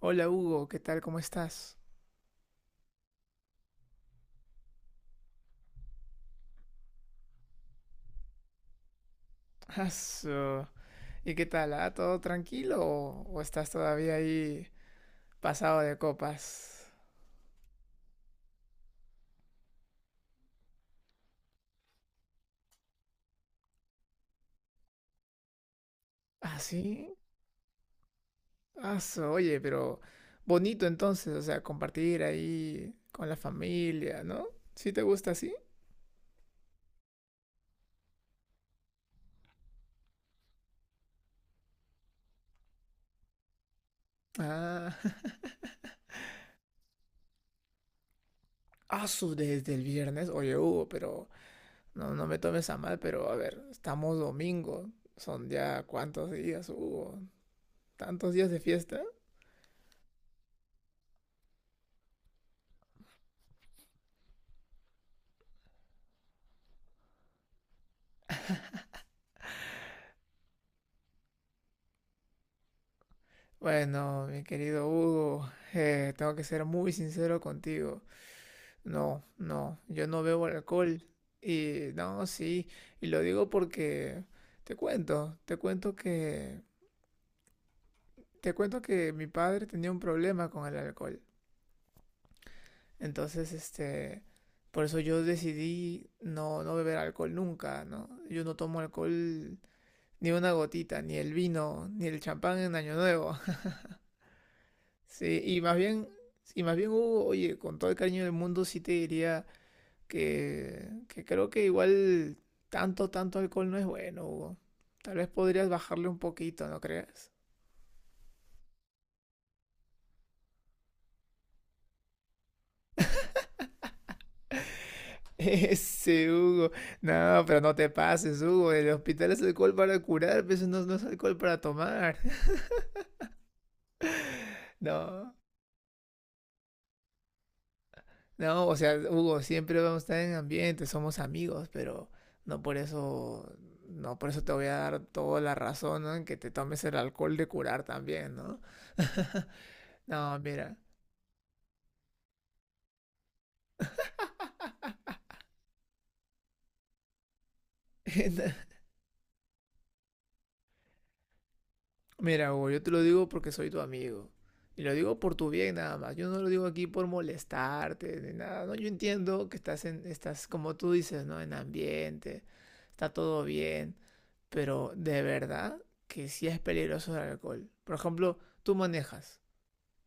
Hola Hugo, ¿qué tal? ¿Cómo estás? Aso, ¿y qué tal? ¿Ah? ¿Todo tranquilo o, estás todavía ahí pasado de copas? ¿Ah, sí? Aso, oye, pero bonito entonces, o sea, compartir ahí con la familia, ¿no? ¿Sí te gusta así? Ah, aso, desde el viernes. Oye, Hugo, pero no, no me tomes a mal, pero a ver, estamos domingo. Son ya cuántos días, Hugo. ¿Tantos días de fiesta? Bueno, mi querido Hugo, tengo que ser muy sincero contigo. No, no, yo no bebo alcohol. Y no, sí, y lo digo porque te cuento, te cuento que, te cuento que mi padre tenía un problema con el alcohol. Entonces, por eso yo decidí no beber alcohol nunca, ¿no? Yo no tomo alcohol ni una gotita, ni el vino, ni el champán en Año Nuevo. Sí, y más bien, Hugo, oye, con todo el cariño del mundo, sí te diría que creo que igual tanto, tanto alcohol no es bueno, Hugo. Tal vez podrías bajarle un poquito, ¿no crees? Ese Hugo, no, pero no te pases, Hugo. El hospital es alcohol para curar, pues no, no es alcohol para tomar. No. No, o sea, Hugo, siempre vamos a estar en ambiente, somos amigos, pero no por eso, te voy a dar toda la razón, ¿no? En que te tomes el alcohol de curar también, ¿no? No, mira, mira, Hugo, yo te lo digo porque soy tu amigo. Y lo digo por tu bien nada más. Yo no lo digo aquí por molestarte ni nada. No, yo entiendo que estás como tú dices, ¿no? En ambiente, está todo bien, pero de verdad que sí es peligroso el alcohol. Por ejemplo, tú manejas.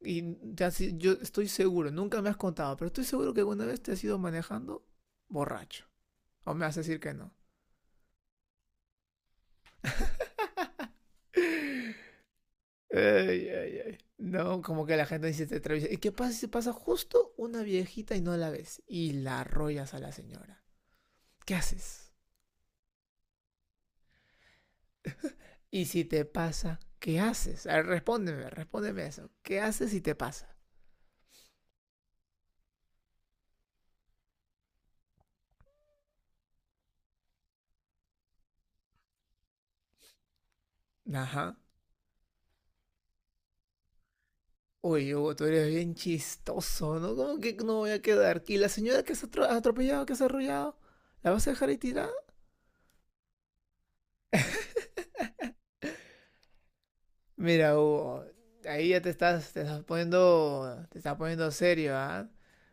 Y yo estoy seguro, nunca me has contado, pero estoy seguro que alguna vez te has ido manejando borracho. O me vas a decir que no. Ay, ay, ay. No, como que la gente dice te atraviesa. ¿Y qué pasa si pasa justo una viejita y no la ves? Y la arrollas a la señora. ¿Qué haces? Y si te pasa, ¿qué haces? A ver, respóndeme eso. ¿Qué haces si te pasa? Ajá. Oye, Hugo, tú eres bien chistoso, ¿no? ¿Cómo que no voy a quedar? ¿Y la señora que has atropellado, que has arrollado? ¿La vas a dejar ahí tirada? Mira, Hugo, ahí ya te estás poniendo serio, ¿ah?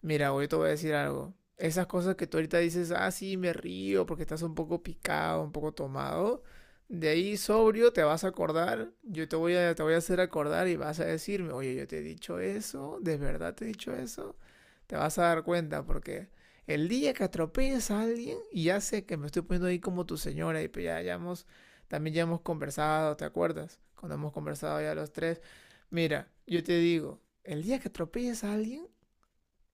Mira, Hugo, yo te voy a decir algo. Esas cosas que tú ahorita dices, ah, sí, me río porque estás un poco picado, un poco tomado. De ahí sobrio te vas a acordar, yo te voy a hacer acordar y vas a decirme, oye, yo te he dicho eso, ¿de verdad te he dicho eso? Te vas a dar cuenta porque el día que atropelles a alguien, y ya sé que me estoy poniendo ahí como tu señora y pues ya hemos conversado, ¿te acuerdas? Cuando hemos conversado ya los tres. Mira, yo te digo, el día que atropelles a alguien,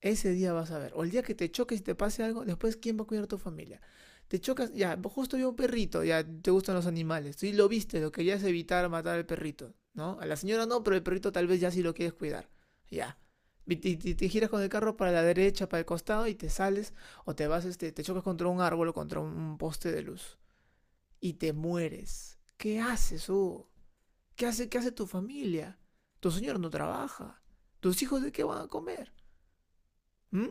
ese día vas a ver. O el día que te choques y te pase algo, después ¿quién va a cuidar a tu familia? Te chocas, ya, justo yo un perrito, ya te gustan los animales. Tú lo viste, lo querías evitar matar al perrito, ¿no? A la señora no, pero el perrito tal vez ya sí lo quieres cuidar. Ya. Y te giras con el carro para la derecha, para el costado y te sales o te vas, te chocas contra un árbol o contra un poste de luz y te mueres. ¿Qué haces, Hugo? ¿Qué hace tu familia? Tu señor no trabaja. ¿Tus hijos de qué van a comer? ¿Mm?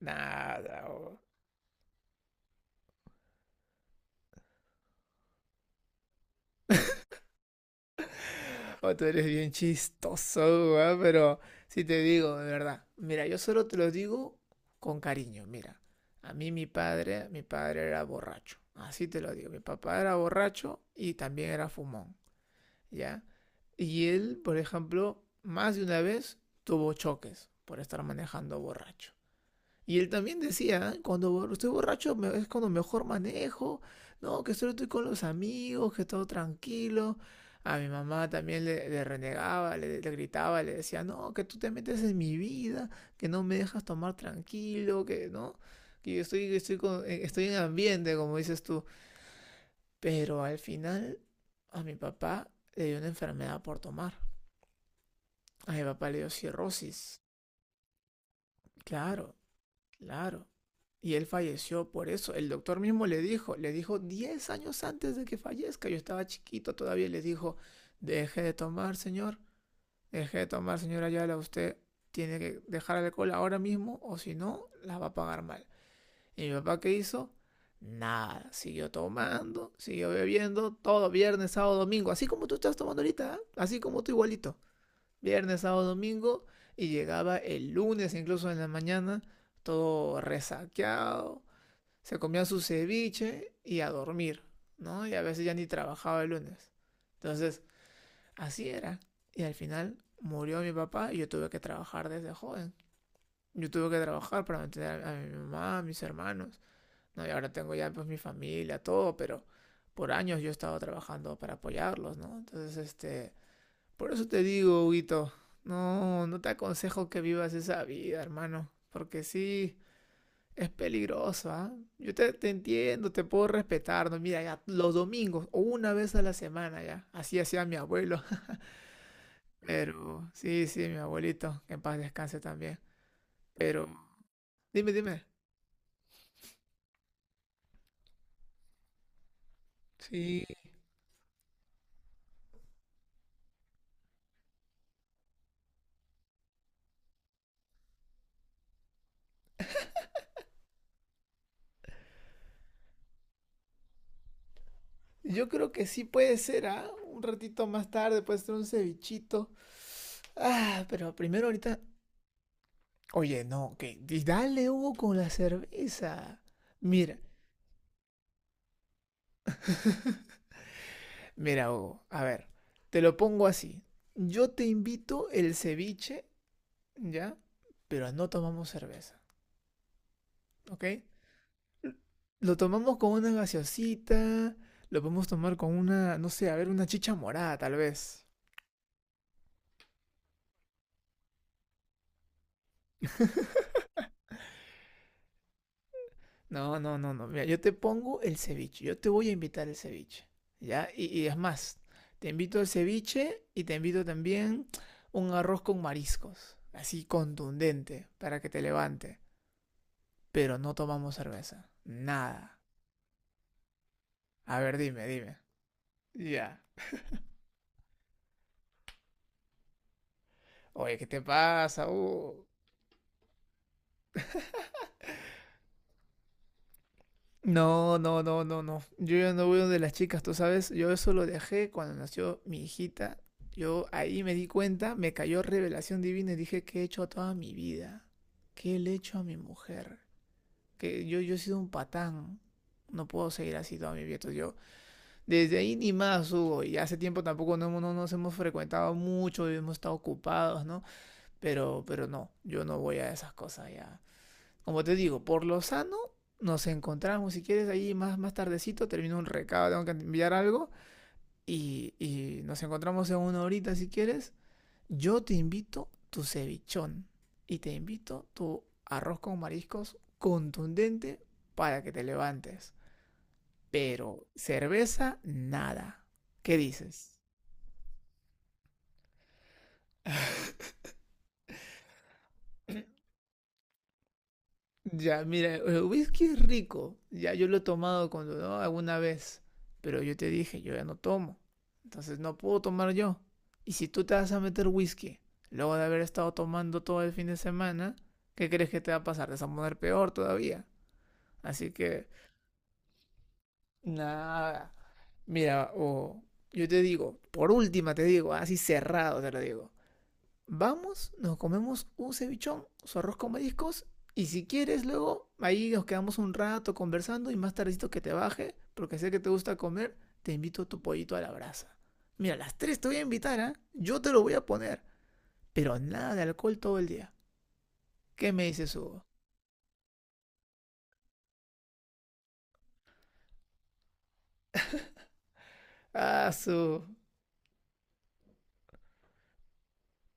Nada, Hugo. Oh, tú eres bien chistoso, Hugo, ¿eh? Pero si te digo, de verdad. Mira, yo solo te lo digo con cariño, mira. A mí mi padre era borracho. Así te lo digo. Mi papá era borracho y también era fumón, ¿ya? Y él, por ejemplo, más de una vez tuvo choques por estar manejando borracho. Y él también decía, cuando estoy borracho es cuando mejor manejo, no, que solo estoy con los amigos, que todo tranquilo. A mi mamá también le renegaba, le gritaba, le decía, no, que tú te metes en mi vida, que no me dejas tomar tranquilo, que no, que yo estoy en ambiente, como dices tú. Pero al final a mi papá le dio una enfermedad por tomar. A mi papá le dio cirrosis. Claro. Claro. Y él falleció por eso. El doctor mismo le dijo 10 años antes de que fallezca, yo estaba chiquito todavía, le dijo, deje de tomar, señor, deje de tomar, señora Ayala, usted tiene que dejar el alcohol ahora mismo o si no, la va a pagar mal. ¿Y mi papá qué hizo? Nada, siguió tomando, siguió bebiendo, todo viernes, sábado, domingo, así como tú estás tomando ahorita, ¿ah? Así como tú igualito, viernes, sábado, domingo, y llegaba el lunes incluso en la mañana, todo resaqueado, se comía su ceviche y a dormir, ¿no? Y a veces ya ni trabajaba el lunes. Entonces, así era. Y al final murió mi papá y yo tuve que trabajar desde joven. Yo tuve que trabajar para mantener a mi mamá, a mis hermanos. ¿No? Y ahora tengo ya pues mi familia, todo, pero por años yo he estado trabajando para apoyarlos, ¿no? Entonces, por eso te digo, Huguito, no, no te aconsejo que vivas esa vida, hermano, porque sí, es peligroso, ¿ah? Yo te entiendo, te puedo respetar, ¿no? Mira, ya los domingos o una vez a la semana, ya, así hacía mi abuelo, pero sí, sí, mi abuelito, que en paz descanse también, pero dime, dime, sí, yo creo que sí puede ser, ¿ah? Un ratito más tarde puede ser un cevichito, ah, pero primero ahorita. Oye, no, que y dale, Hugo, con la cerveza. Mira, mira, Hugo, a ver, te lo pongo así. Yo te invito el ceviche, ¿ya? Pero no tomamos cerveza, ¿ok? Lo tomamos con una gaseosita, lo podemos tomar con una, no sé, a ver, una chicha morada, tal vez. No, no, no, no. Mira, yo te pongo el ceviche. Yo te voy a invitar el ceviche. ¿Ya? Y es más, te invito al ceviche y te invito también un arroz con mariscos. Así contundente, para que te levante. Pero no tomamos cerveza. Nada. A ver, dime, dime. Ya. Oye, ¿qué te pasa? No, no, no, no, no. Yo ya no voy donde las chicas, tú sabes. Yo eso lo dejé cuando nació mi hijita. Yo ahí me di cuenta, me cayó revelación divina y dije, ¿qué he hecho a toda mi vida? ¿Qué le he hecho a mi mujer? Que yo he sido un patán. No puedo seguir así toda mi vida. Entonces yo, desde ahí ni más, Hugo. Y hace tiempo tampoco no, no nos hemos frecuentado mucho y hemos estado ocupados, ¿no? Pero no, yo no voy a esas cosas ya. Como te digo, por lo sano, nos encontramos, si quieres, ahí más tardecito, termino un recado, tengo que enviar algo, y nos encontramos en una horita, si quieres. Yo te invito tu cevichón y te invito tu arroz con mariscos contundente para que te levantes. Pero cerveza, nada. ¿Qué dices? Ya, mira, el whisky es rico. Ya yo lo he tomado cuando, ¿no? Alguna vez. Pero yo te dije, yo ya no tomo. Entonces no puedo tomar yo. Y si tú te vas a meter whisky, luego de haber estado tomando todo el fin de semana, ¿qué crees que te va a pasar? Te vas a poner peor todavía. Así que, nada. Mira, o yo te digo, por última te digo, así cerrado te lo digo. Vamos, nos comemos un cevichón, su arroz con mariscos, y si quieres luego ahí nos quedamos un rato conversando y más tardecito que te baje, porque sé que te gusta comer, te invito a tu pollito a la brasa. Mira, a las 3 te voy a invitar, ¿ah? Yo te lo voy a poner, pero nada de alcohol todo el día. ¿Qué me dices, Hugo? Ah, su...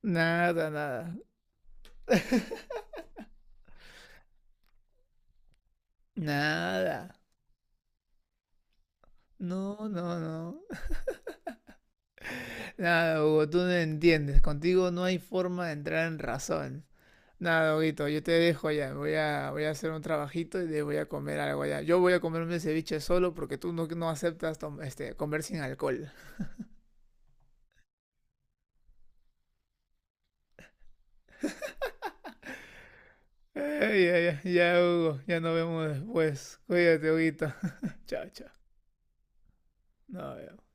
Nada, nada. Nada. No, no, no. Nada, Hugo, tú no entiendes. Contigo no hay forma de entrar en razón. Nada, Doguito, yo te dejo ya. Voy a hacer un trabajito y voy a comer algo allá. Yo voy a comerme ceviche solo porque tú no aceptas comer sin alcohol. Ay, ya, ya, ya, Hugo. Ya nos vemos después. Cuídate, Huguito. Chao, chao. Nos vemos.